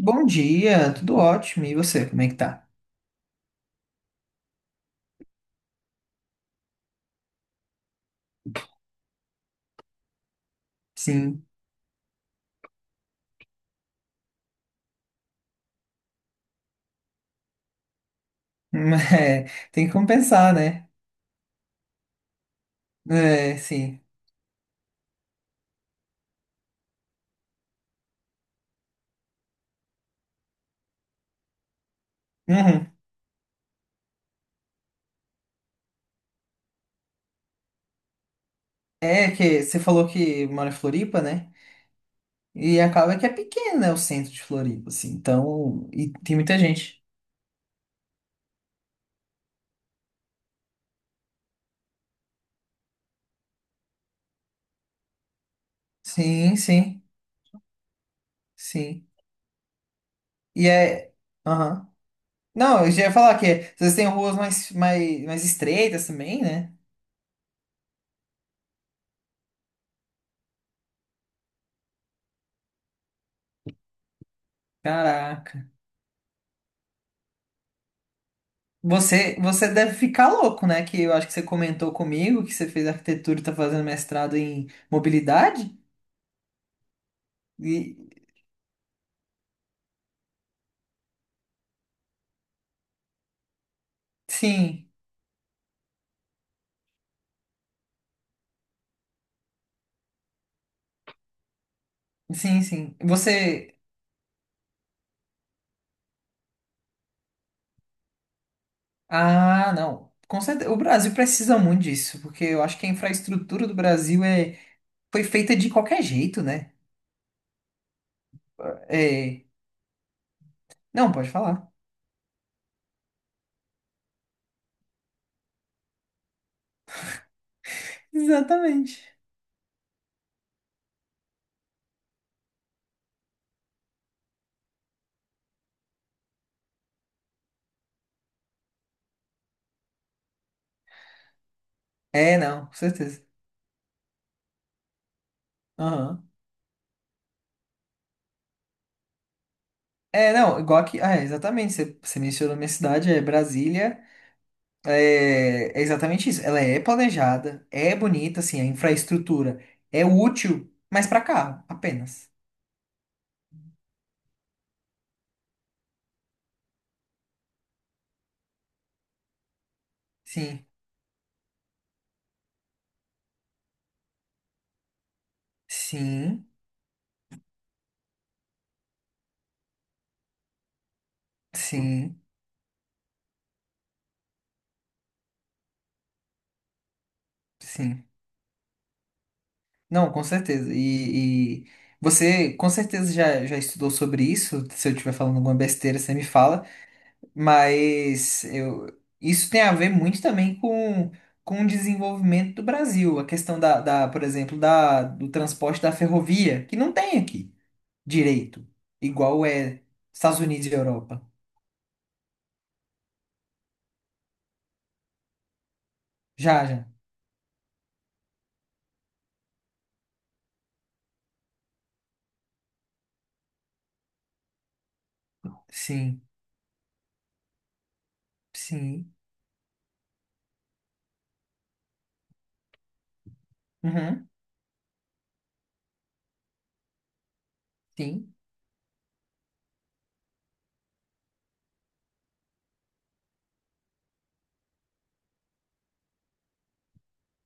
Bom dia, tudo ótimo. E você, como é que tá? Sim. É, tem que compensar, né? É, sim. Uhum. É que você falou que mora em Floripa, né? E acaba que é pequeno, né, o centro de Floripa, assim. Então, e tem muita gente. Sim, sim, sim. E é. Aham. Não, eu já ia falar que vocês têm ruas mais estreitas também, né? Caraca. Você deve ficar louco, né? Que eu acho que você comentou comigo que você fez arquitetura e tá fazendo mestrado em mobilidade. E sim, sim, sim. Você. Ah, não. Com certeza. O Brasil precisa muito disso, porque eu acho que a infraestrutura do Brasil é foi feita de qualquer jeito, né? É. Não, pode falar. Exatamente. É, não, com certeza. Aham. É, não, igual aqui. Ah, é, exatamente. Você mencionou minha cidade, é Brasília. É exatamente isso. Ela é planejada, é bonita, assim, a infraestrutura é útil, mas para carro, apenas. Sim, sim, sim, sim. Não, com certeza. E você com certeza já estudou sobre isso. Se eu estiver falando alguma besteira, você me fala. Mas eu, isso tem a ver muito também com o desenvolvimento do Brasil. A questão da, por exemplo, da, do transporte da ferrovia, que não tem aqui direito, igual é Estados Unidos e Europa. Já, já. Sim, sim. Uhum, sim.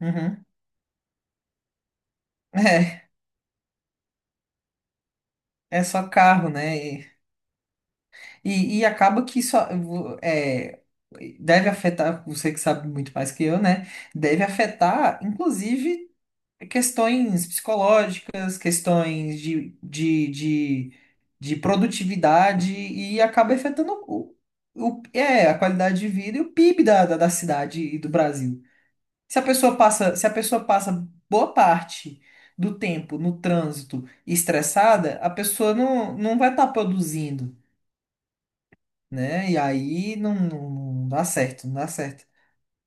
Uhum. É, é só carro, né? E acaba que isso é, deve afetar, você que sabe muito mais que eu, né? Deve afetar, inclusive, questões psicológicas, questões de produtividade e acaba afetando a qualidade de vida e o PIB da cidade e do Brasil. Se a pessoa passa boa parte do tempo no trânsito estressada, a pessoa não vai estar produzindo, né? E aí não dá certo, não dá certo.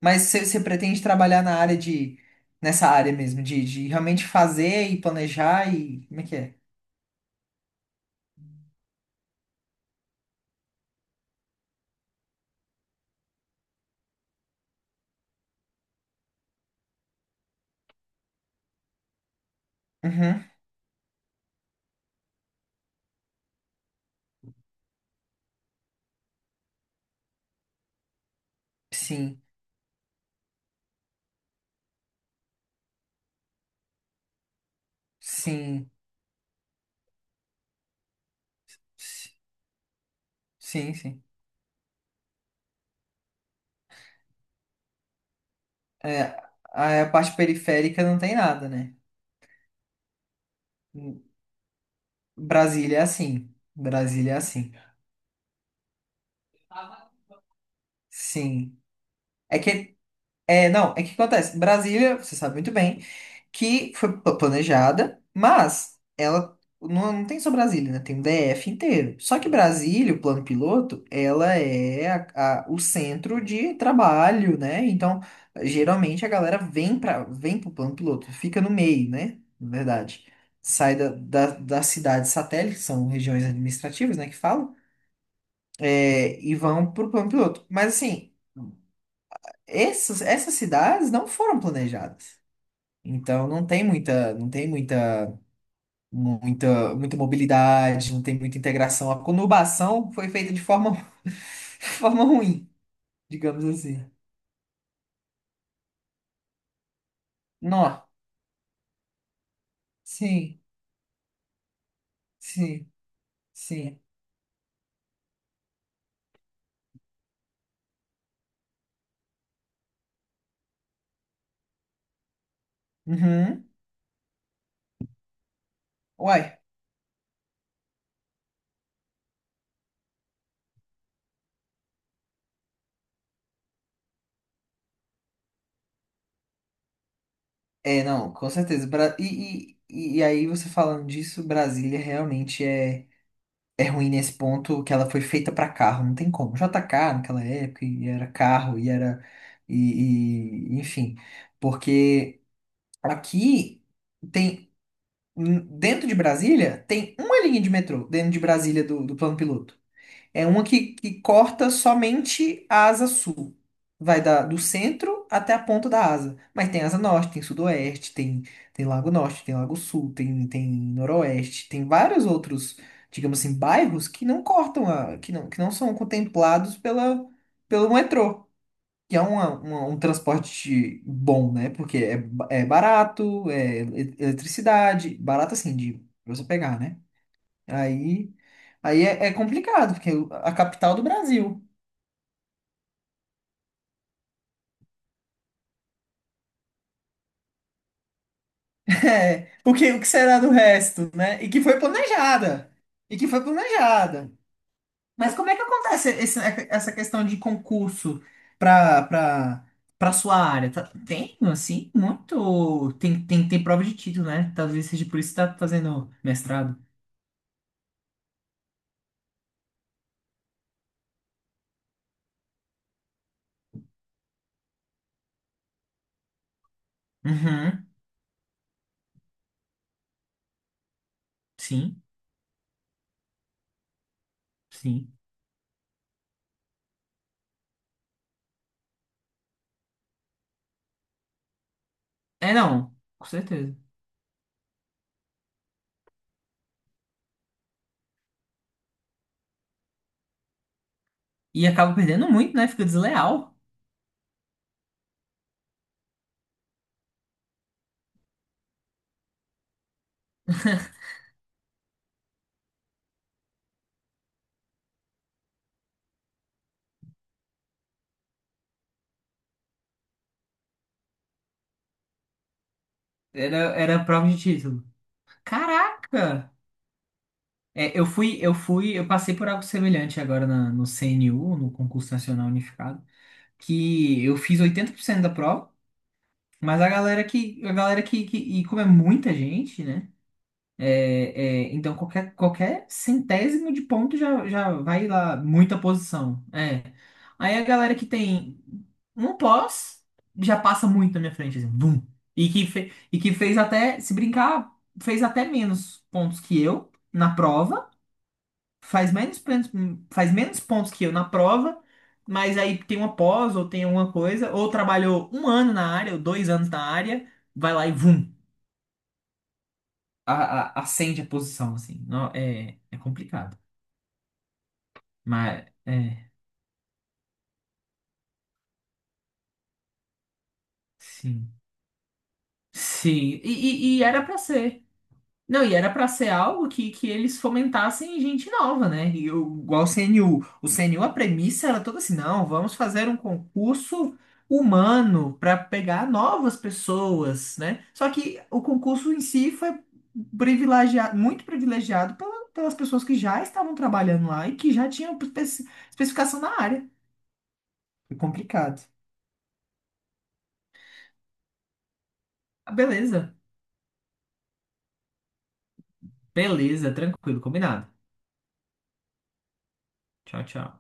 Mas você pretende trabalhar na área nessa área mesmo, de realmente fazer e planejar e como é que é? Uhum, sim, sim, si- sim, sim. É, a parte periférica não tem nada, né? Brasília é assim, Brasília é assim. Sim. É que, é, não, é que acontece. Brasília, você sabe muito bem, que foi planejada, mas ela não tem só Brasília, né? Tem o DF inteiro. Só que Brasília, o plano piloto, ela é o centro de trabalho, né? Então, geralmente a galera vem pro plano piloto, fica no meio, né? Na verdade. Sai das cidades satélites, que são regiões administrativas, né, que falam, e vão pro plano piloto. Mas assim essas cidades não foram planejadas. Então não tem muita mobilidade, não tem muita integração. A conurbação foi feita de forma ruim, digamos assim. Nó. Sim, sim, sim. Uhum. Uai. É, não, com certeza. E aí você falando disso, Brasília realmente é. É ruim nesse ponto que ela foi feita pra carro, não tem como. JK naquela época e era carro e era e enfim, porque aqui tem dentro de Brasília tem uma linha de metrô dentro de Brasília do plano piloto. É uma que corta somente a asa sul. Vai da, do centro até a ponta da asa. Mas tem asa norte, tem sudoeste, tem lago norte, tem lago sul, tem noroeste, tem vários outros, digamos assim, bairros que não cortam a, que não são contemplados pela, pelo metrô. Que é um transporte bom, né? Porque é barato, é eletricidade, barato assim, de pra você pegar, né? Aí, aí é complicado, porque a capital do Brasil. É, o que será do resto, né? E que foi planejada. E que foi planejada. Mas como é que acontece essa questão de concurso para para para sua área? Tem, assim, muito. Tem prova de título, né? Talvez seja por isso que tá fazendo mestrado. Uhum, sim, sim. É, não, com certeza. E acaba perdendo muito, né? Fica desleal. Era, era prova de título. Caraca! É, eu passei por algo semelhante agora no CNU, no Concurso Nacional Unificado, que eu fiz 80% da prova, mas a galera que- e como é muita gente, né? É, então qualquer centésimo de ponto já vai lá muita posição. É. Aí a galera que tem um pós já passa muito na minha frente, assim, bum. E que fez até, se brincar, fez até menos pontos que eu na prova. faz menos, pontos- Faz menos pontos que eu na prova, mas aí tem uma pós ou tem alguma coisa, ou trabalhou um ano na área, ou 2 anos na área, vai lá e vum, acende a posição, assim. Não, é complicado. Mas, é, sim. Sim, e era pra ser. Não, e era pra ser algo que eles fomentassem gente nova, né? E igual o CNU. O CNU, a premissa era toda assim: não, vamos fazer um concurso humano para pegar novas pessoas, né? Só que o concurso em si foi privilegiado, muito privilegiado pelas pessoas que já estavam trabalhando lá e que já tinham especificação na área. Foi complicado. Ah, beleza, beleza, tranquilo, combinado. Tchau, tchau.